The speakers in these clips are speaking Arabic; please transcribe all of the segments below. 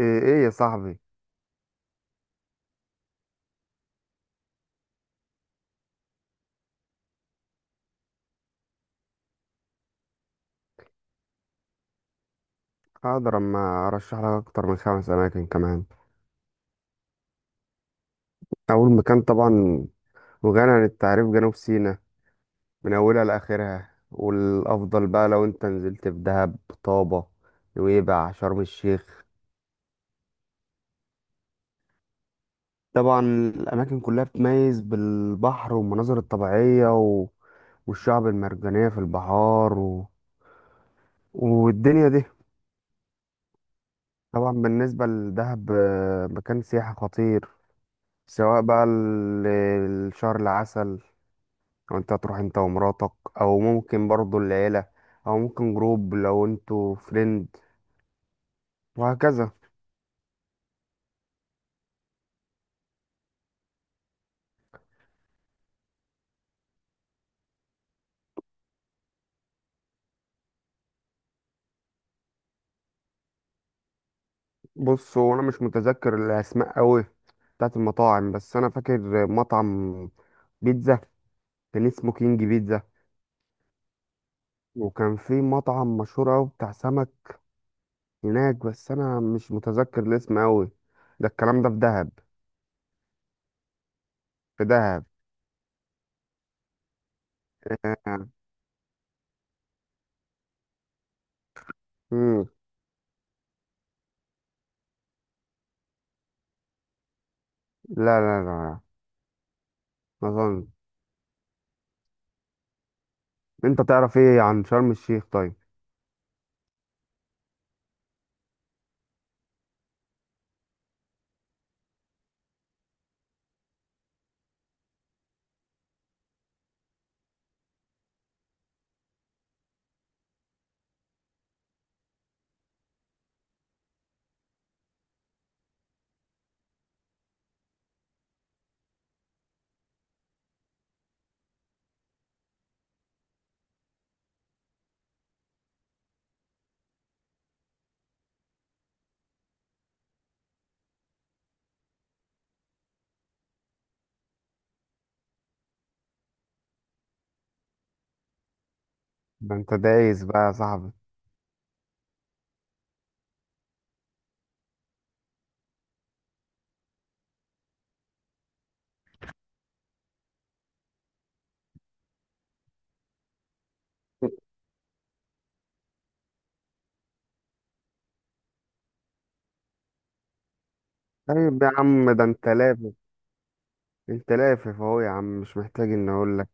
ايه إيه يا صاحبي، هقدر اما ارشح لك اكتر من خمس اماكن كمان. اول مكان طبعا وغني عن التعريف، جنوب سيناء من اولها لاخرها. والافضل بقى لو انت نزلت في دهب، طابة، نويبع، شرم الشيخ. طبعا الاماكن كلها بتميز بالبحر والمناظر الطبيعية والشعب المرجانية في البحار والدنيا دي. طبعا بالنسبة لدهب مكان سياحي خطير. سواء بقى الشهر العسل، لو انت هتروح انت ومراتك، او ممكن برضو العيلة، او ممكن جروب لو انتوا فريند، وهكذا. بص هو انا مش متذكر الاسماء قوي بتاعت المطاعم، بس انا فاكر مطعم بيتزا كان اسمه كينج بيتزا. وكان في مطعم مشهور قوي بتاع سمك هناك، بس انا مش متذكر الاسم قوي. ده الكلام ده في دهب. في دهب. مم. لا لا لا لا. ما اظن. انت تعرف ايه عن شرم الشيخ طيب؟ ده انت دايس بقى يا صاحبي. طيب يا عم ده انت لافف، انت لافف اهو يا عم، مش محتاج ان اقول لك.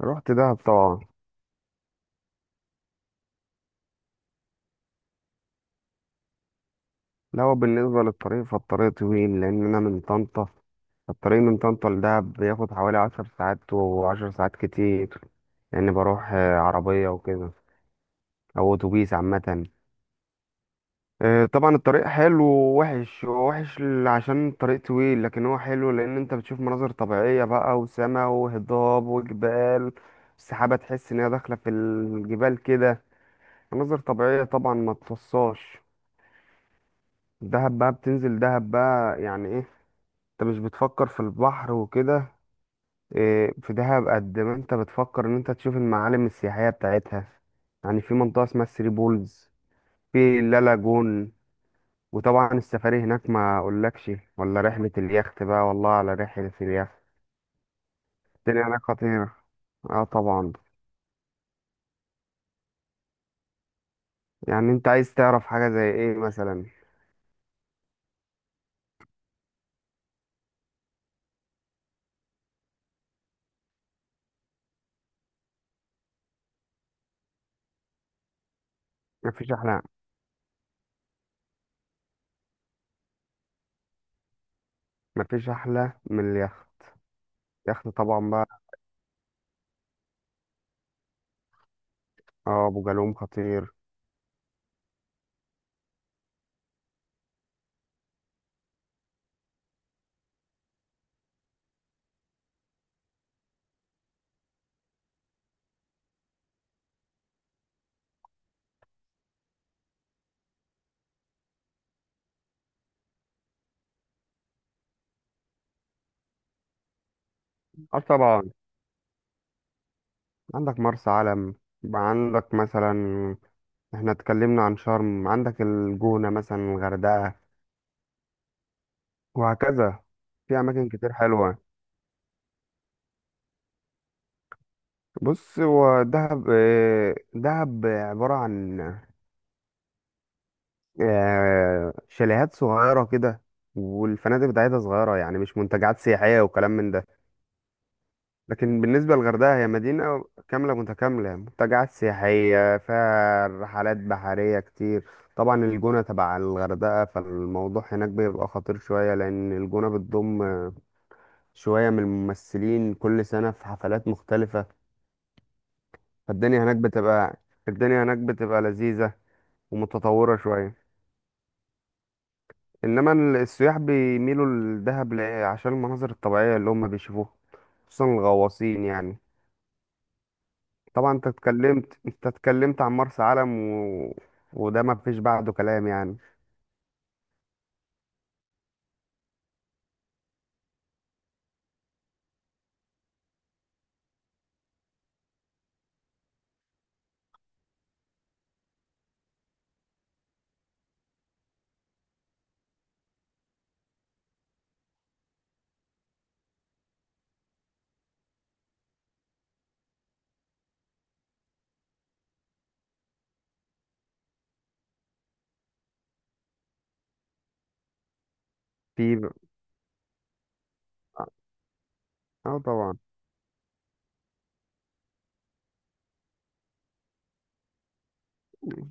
رحت دهب طبعا. لا هو بالنسبه للطريق، فالطريق طويل لان انا من طنطا. الطريق من طنطا لدهب بياخد حوالي عشر ساعات، وعشر ساعات كتير يعني. بروح عربيه وكده، او اتوبيس عامه. طبعا الطريق حلو ووحش. هو وحش عشان الطريق طويل، لكن هو حلو لان انت بتشوف مناظر طبيعيه بقى وسما وهضاب وجبال. السحابه تحس ان هي داخله في الجبال كده، مناظر طبيعية طبعا ما تفصاش. دهب بقى، بتنزل دهب بقى يعني ايه؟ انت مش بتفكر في البحر وكده إيه في دهب، قد ما انت بتفكر ان انت تشوف المعالم السياحية بتاعتها. يعني في منطقة اسمها الثري بولز، في لالاجون. وطبعا السفاري هناك ما اقولكش، ولا رحلة اليخت بقى. والله على رحلة اليخت، الدنيا هناك خطيرة. اه طبعا. يعني انت عايز تعرف حاجة زي ايه مثلا؟ مفيش احلى، مفيش احلى من اليخت. اليخت طبعا بقى. اه ابو جالوم خطير. اه طبعا. عندك مرسى علم، عندك مثلا، احنا اتكلمنا عن شرم، عندك الجونة مثلا، الغردقة، وهكذا. في اماكن كتير حلوة. بص هو دهب، دهب عبارة عن شاليهات صغيرة كده، والفنادق بتاعتها صغيرة يعني، مش منتجعات سياحية وكلام من ده. لكن بالنسبة للغردقة هي مدينة كاملة متكاملة، منتجعات سياحية، فيها رحلات بحرية كتير. طبعا الجونة تبع الغردقة، فالموضوع هناك بيبقى خطير شوية، لأن الجونة بتضم شوية من الممثلين كل سنة في حفلات مختلفة. فالدنيا هناك بتبقى، الدنيا هناك بتبقى لذيذة ومتطورة شوية. إنما السياح بيميلوا لدهب عشان المناظر الطبيعية اللي هم بيشوفوها، خصوصا الغواصين يعني. طبعا انت اتكلمت، انت اتكلمت عن مرسى علم وده ما فيش بعده كلام يعني. في اه طبعا.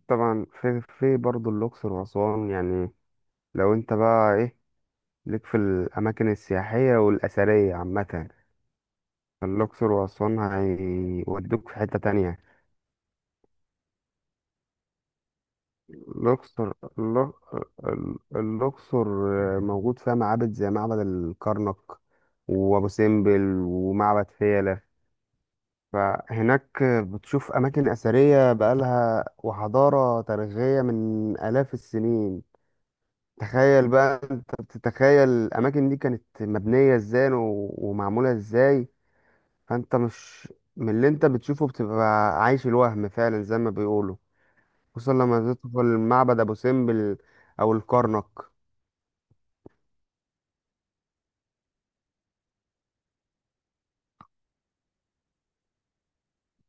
طبعا في في برضه الاقصر واسوان يعني، لو انت بقى ايه، ليك في الاماكن السياحيه والاثريه عامه، الاقصر واسوان هيودوك في حته تانية. الاقصر الاقصر موجود فيها معابد زي معبد الكرنك وابو سمبل ومعبد فيلة. فهناك بتشوف أماكن أثرية بقالها وحضارة تاريخية من آلاف السنين. تخيل بقى، أنت بتتخيل الأماكن دي كانت مبنية إزاي ومعمولة إزاي. فأنت مش، من اللي أنت بتشوفه بتبقى عايش الوهم فعلا زي ما بيقولوا، خصوصا لما تدخل معبد أبو سمبل أو الكرنك.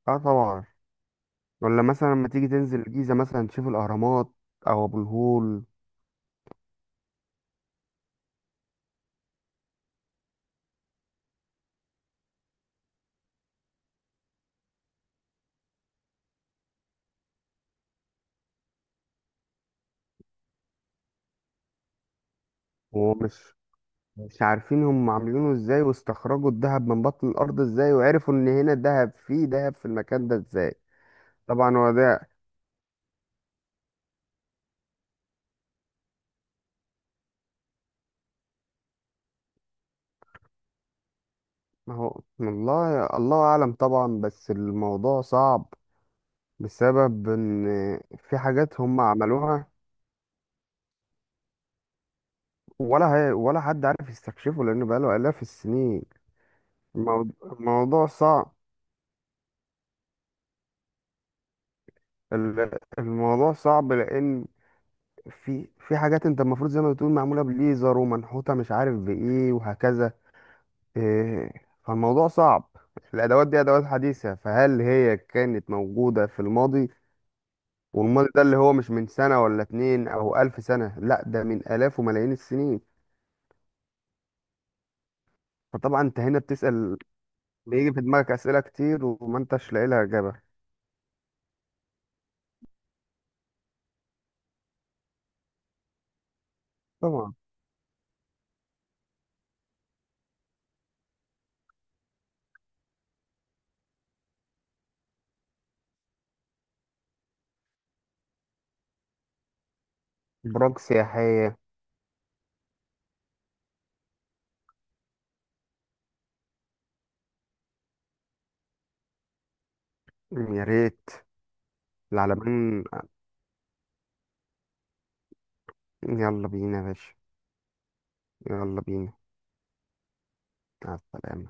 أه طبعا. ولا مثلا لما تيجي تنزل الجيزة مثلا تشوف الأهرامات أو أبو الهول. ومش، مش عارفين هم عاملينه ازاي، واستخرجوا الذهب من بطن الارض ازاي، وعرفوا ان هنا ذهب، فيه ذهب في المكان ده ازاي. طبعا هو ده. ما هو والله الله اعلم طبعا، بس الموضوع صعب بسبب ان في حاجات هم عملوها ولا هي ولا حد عارف يستكشفه لانه بقاله الاف السنين. الموضوع صعب، الموضوع صعب لان في حاجات انت المفروض زي ما بتقول معموله بليزر ومنحوته مش عارف بايه وهكذا. إيه، فالموضوع صعب. الأدوات دي أدوات حديثة، فهل هي كانت موجودة في الماضي؟ والماضي ده اللي هو مش من سنة ولا اتنين أو ألف سنة، لا ده من آلاف وملايين السنين. فطبعا أنت هنا بتسأل، بيجي في دماغك أسئلة كتير وما أنتش لاقي لها إجابة. طبعا. براك سياحية. يا ريت. العلمين، يلا بينا يا باشا. يلا بينا. مع السلامة.